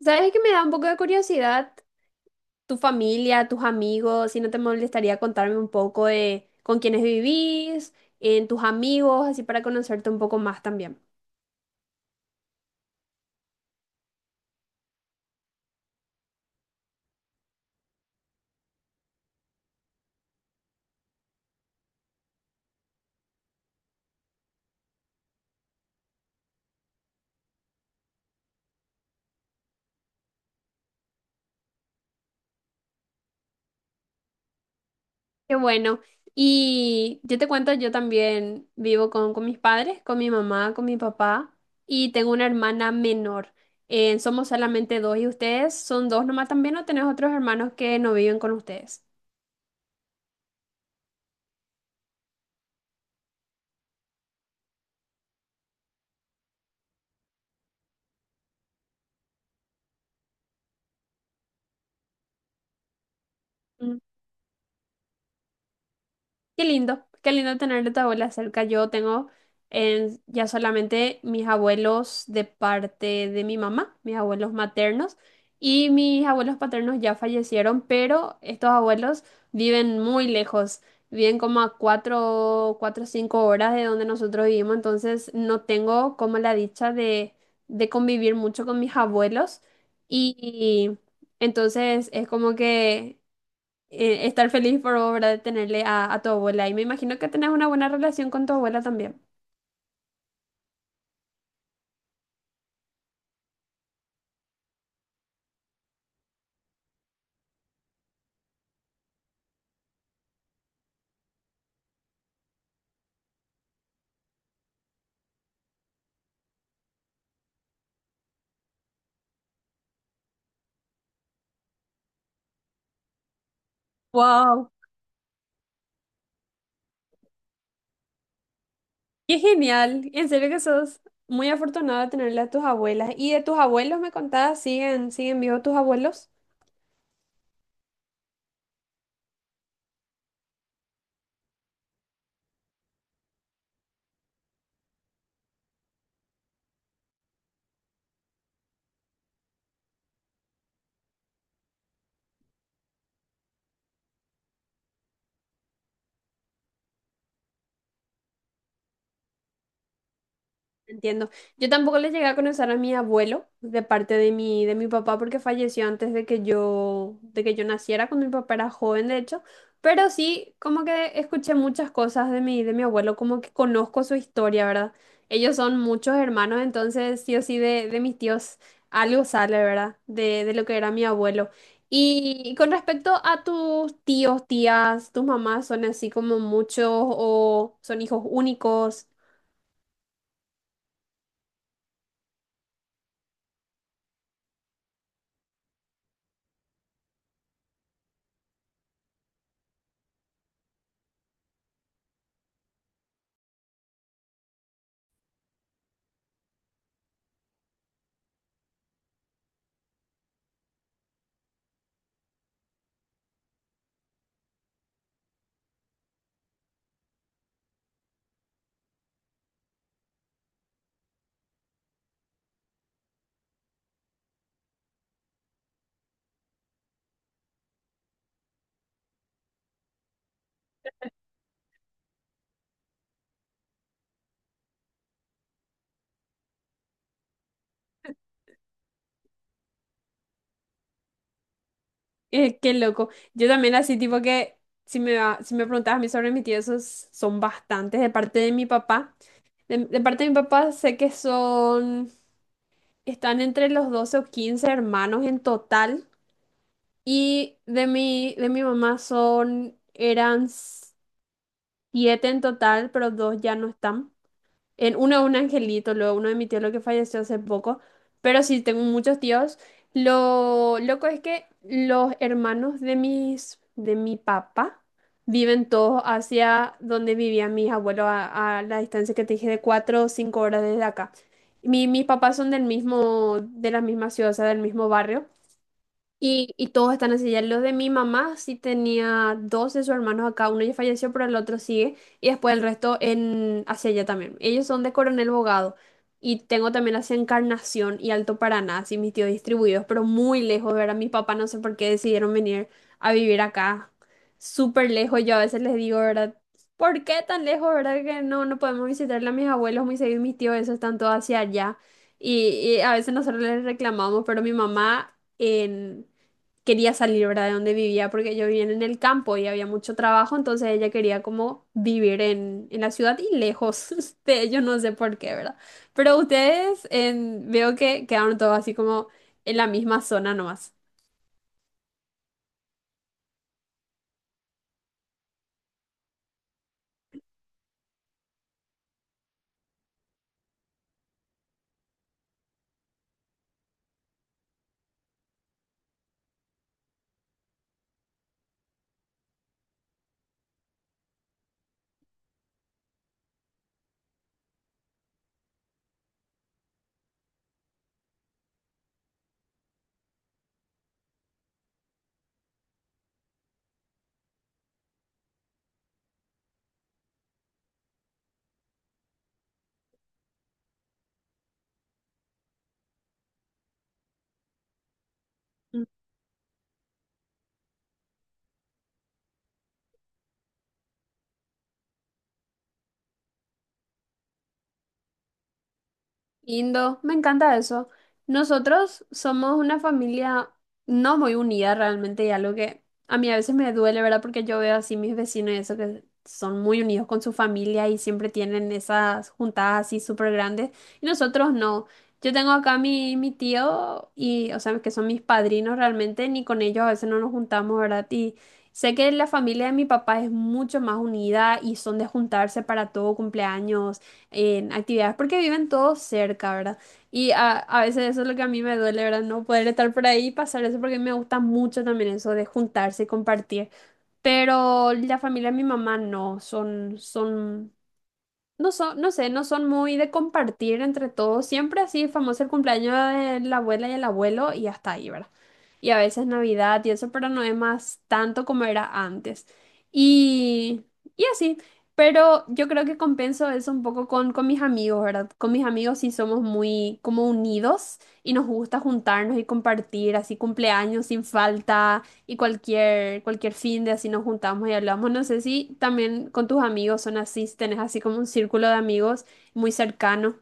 ¿Sabes que me da un poco de curiosidad tu familia, tus amigos, si no te molestaría contarme un poco de con quiénes vivís, en tus amigos, así para conocerte un poco más también? Qué bueno. Y yo te cuento, yo también vivo con mis padres, con mi mamá, con mi papá y tengo una hermana menor. Somos solamente dos y ustedes son dos nomás también o tenés otros hermanos que no viven con ustedes. Qué lindo tener a tu abuela cerca. Yo tengo ya solamente mis abuelos de parte de mi mamá, mis abuelos maternos, y mis abuelos paternos ya fallecieron, pero estos abuelos viven muy lejos, viven como a cuatro, 4 o 5 horas de donde nosotros vivimos, entonces no tengo como la dicha de convivir mucho con mis abuelos, y entonces es como que estar feliz por obra de tenerle a tu abuela. Y me imagino que tenés una buena relación con tu abuela también. ¡Wow! ¡Qué genial! En serio que sos muy afortunada de tenerle a tus abuelas. ¿Y de tus abuelos me contabas? ¿Siguen vivos tus abuelos? Entiendo. Yo tampoco le llegué a conocer a mi abuelo de parte de mi papá porque falleció antes de que yo naciera, cuando mi papá era joven, de hecho. Pero sí, como que escuché muchas cosas de mi abuelo, como que conozco su historia, ¿verdad? Ellos son muchos hermanos, entonces sí o sí de mis tíos algo sale, ¿verdad? De lo que era mi abuelo. Y con respecto a tus tíos, tías, tus mamás, ¿son así como muchos o son hijos únicos? Qué loco. Yo también así, tipo que si me preguntabas a mí sobre mis tíos, esos son bastantes. De parte de mi papá, de parte de mi papá sé que son, están entre los 12 o 15 hermanos en total. Y de mi mamá son, eran siete en total, pero dos ya no están. En uno un angelito, luego uno de mi tío lo que falleció hace poco, pero sí tengo muchos tíos. Lo loco es que los hermanos de mi papá viven todos hacia donde vivían mis abuelos a la distancia que te dije de 4 o 5 horas desde acá. Mis papás son del mismo, de la misma ciudad, o sea, del mismo barrio, y todos están así, ya los de mi mamá sí tenía dos de sus hermanos acá, uno ya falleció, pero el otro sigue, y después el resto en hacia allá también. Ellos son de Coronel Bogado, y tengo también hacia Encarnación y Alto Paraná, así mis tíos distribuidos, pero muy lejos, ¿verdad? Mis papás no sé por qué decidieron venir a vivir acá, súper lejos, yo a veces les digo, ¿verdad? ¿Por qué tan lejos, verdad? Que no podemos visitarle a mis abuelos muy seguido, mis tíos, esos están todos hacia allá, y a veces nosotros les reclamamos, pero mi mamá... En, Quería salir, ¿verdad? De donde vivía, porque yo vivía en el campo y había mucho trabajo, entonces ella quería como vivir en la ciudad y lejos de ellos, no sé por qué, ¿verdad? Pero ustedes veo que quedaron todos así como en la misma zona nomás. Lindo, me encanta eso. Nosotros somos una familia no muy unida realmente y algo que a mí a veces me duele, ¿verdad? Porque yo veo así mis vecinos y eso que son muy unidos con su familia y siempre tienen esas juntadas así súper grandes y nosotros no. Yo tengo acá a mi tío y, o sea, que son mis padrinos realmente, ni con ellos a veces no nos juntamos, ¿verdad? Y sé que la familia de mi papá es mucho más unida y son de juntarse para todo cumpleaños en actividades porque viven todos cerca, ¿verdad? Y a veces eso es lo que a mí me duele, ¿verdad? No poder estar por ahí y pasar eso porque me gusta mucho también eso de juntarse y compartir. Pero la familia de mi mamá no, son no son, no sé, no son muy de compartir entre todos. Siempre así, famoso el cumpleaños de la abuela y el abuelo y hasta ahí, ¿verdad? Y a veces Navidad y eso, pero no es más tanto como era antes. Y, y así. Pero yo creo que compenso eso un poco con mis amigos, ¿verdad? Con mis amigos sí somos muy como unidos y nos gusta juntarnos y compartir así cumpleaños sin falta. Y cualquier fin de así nos juntamos y hablamos. No sé si también con tus amigos son así, si tenés así como un círculo de amigos muy cercano.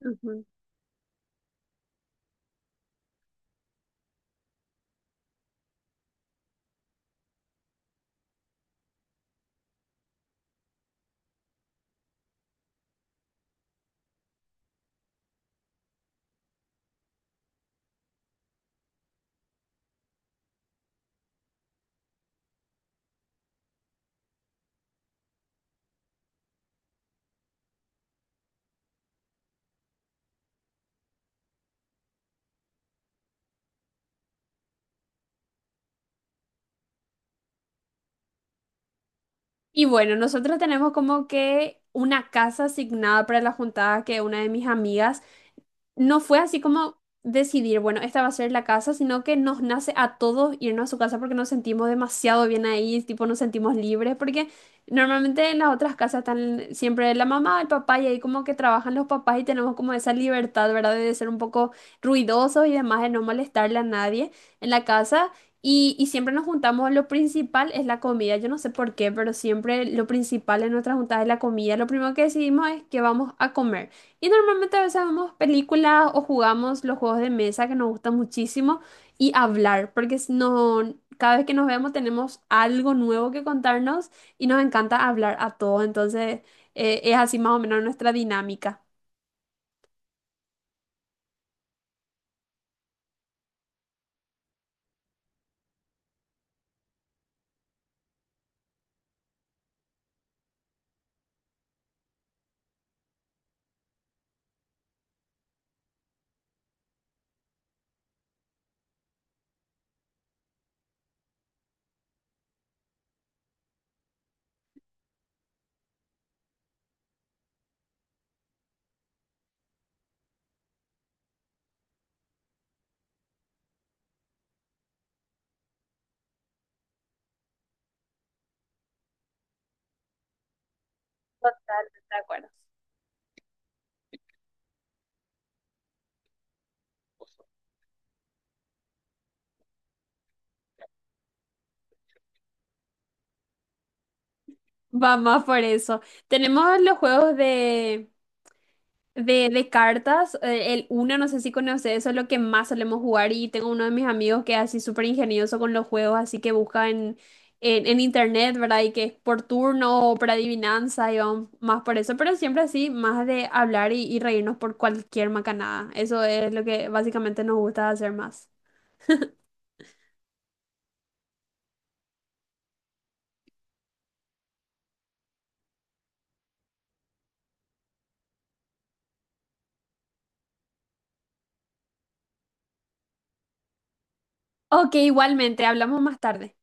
Ujú. Y bueno, nosotros tenemos como que una casa asignada para la juntada que una de mis amigas no fue así como decidir, bueno, esta va a ser la casa, sino que nos nace a todos irnos a su casa porque nos sentimos demasiado bien ahí, tipo nos sentimos libres, porque normalmente en las otras casas están siempre la mamá, el papá y ahí como que trabajan los papás y tenemos como esa libertad, ¿verdad? De ser un poco ruidosos y demás, de no molestarle a nadie en la casa. Y siempre nos juntamos, lo principal es la comida, yo no sé por qué, pero siempre lo principal en nuestras juntas es la comida. Lo primero que decidimos es que vamos a comer. Y normalmente a veces vemos películas o jugamos los juegos de mesa que nos gustan muchísimo y hablar, porque no, cada vez que nos vemos tenemos algo nuevo que contarnos y nos encanta hablar a todos. Entonces, es así más o menos nuestra dinámica. No, de acuerdo. Va más por eso. Tenemos los juegos de cartas, el uno, no sé si conoces, eso es lo que más solemos jugar y tengo uno de mis amigos que es así súper ingenioso con los juegos, así que busca en internet, ¿verdad? Y que es por turno o por adivinanza y vamos más por eso, pero siempre así, más de hablar y reírnos por cualquier macanada. Eso es lo que básicamente nos gusta hacer más. Ok, igualmente, hablamos más tarde.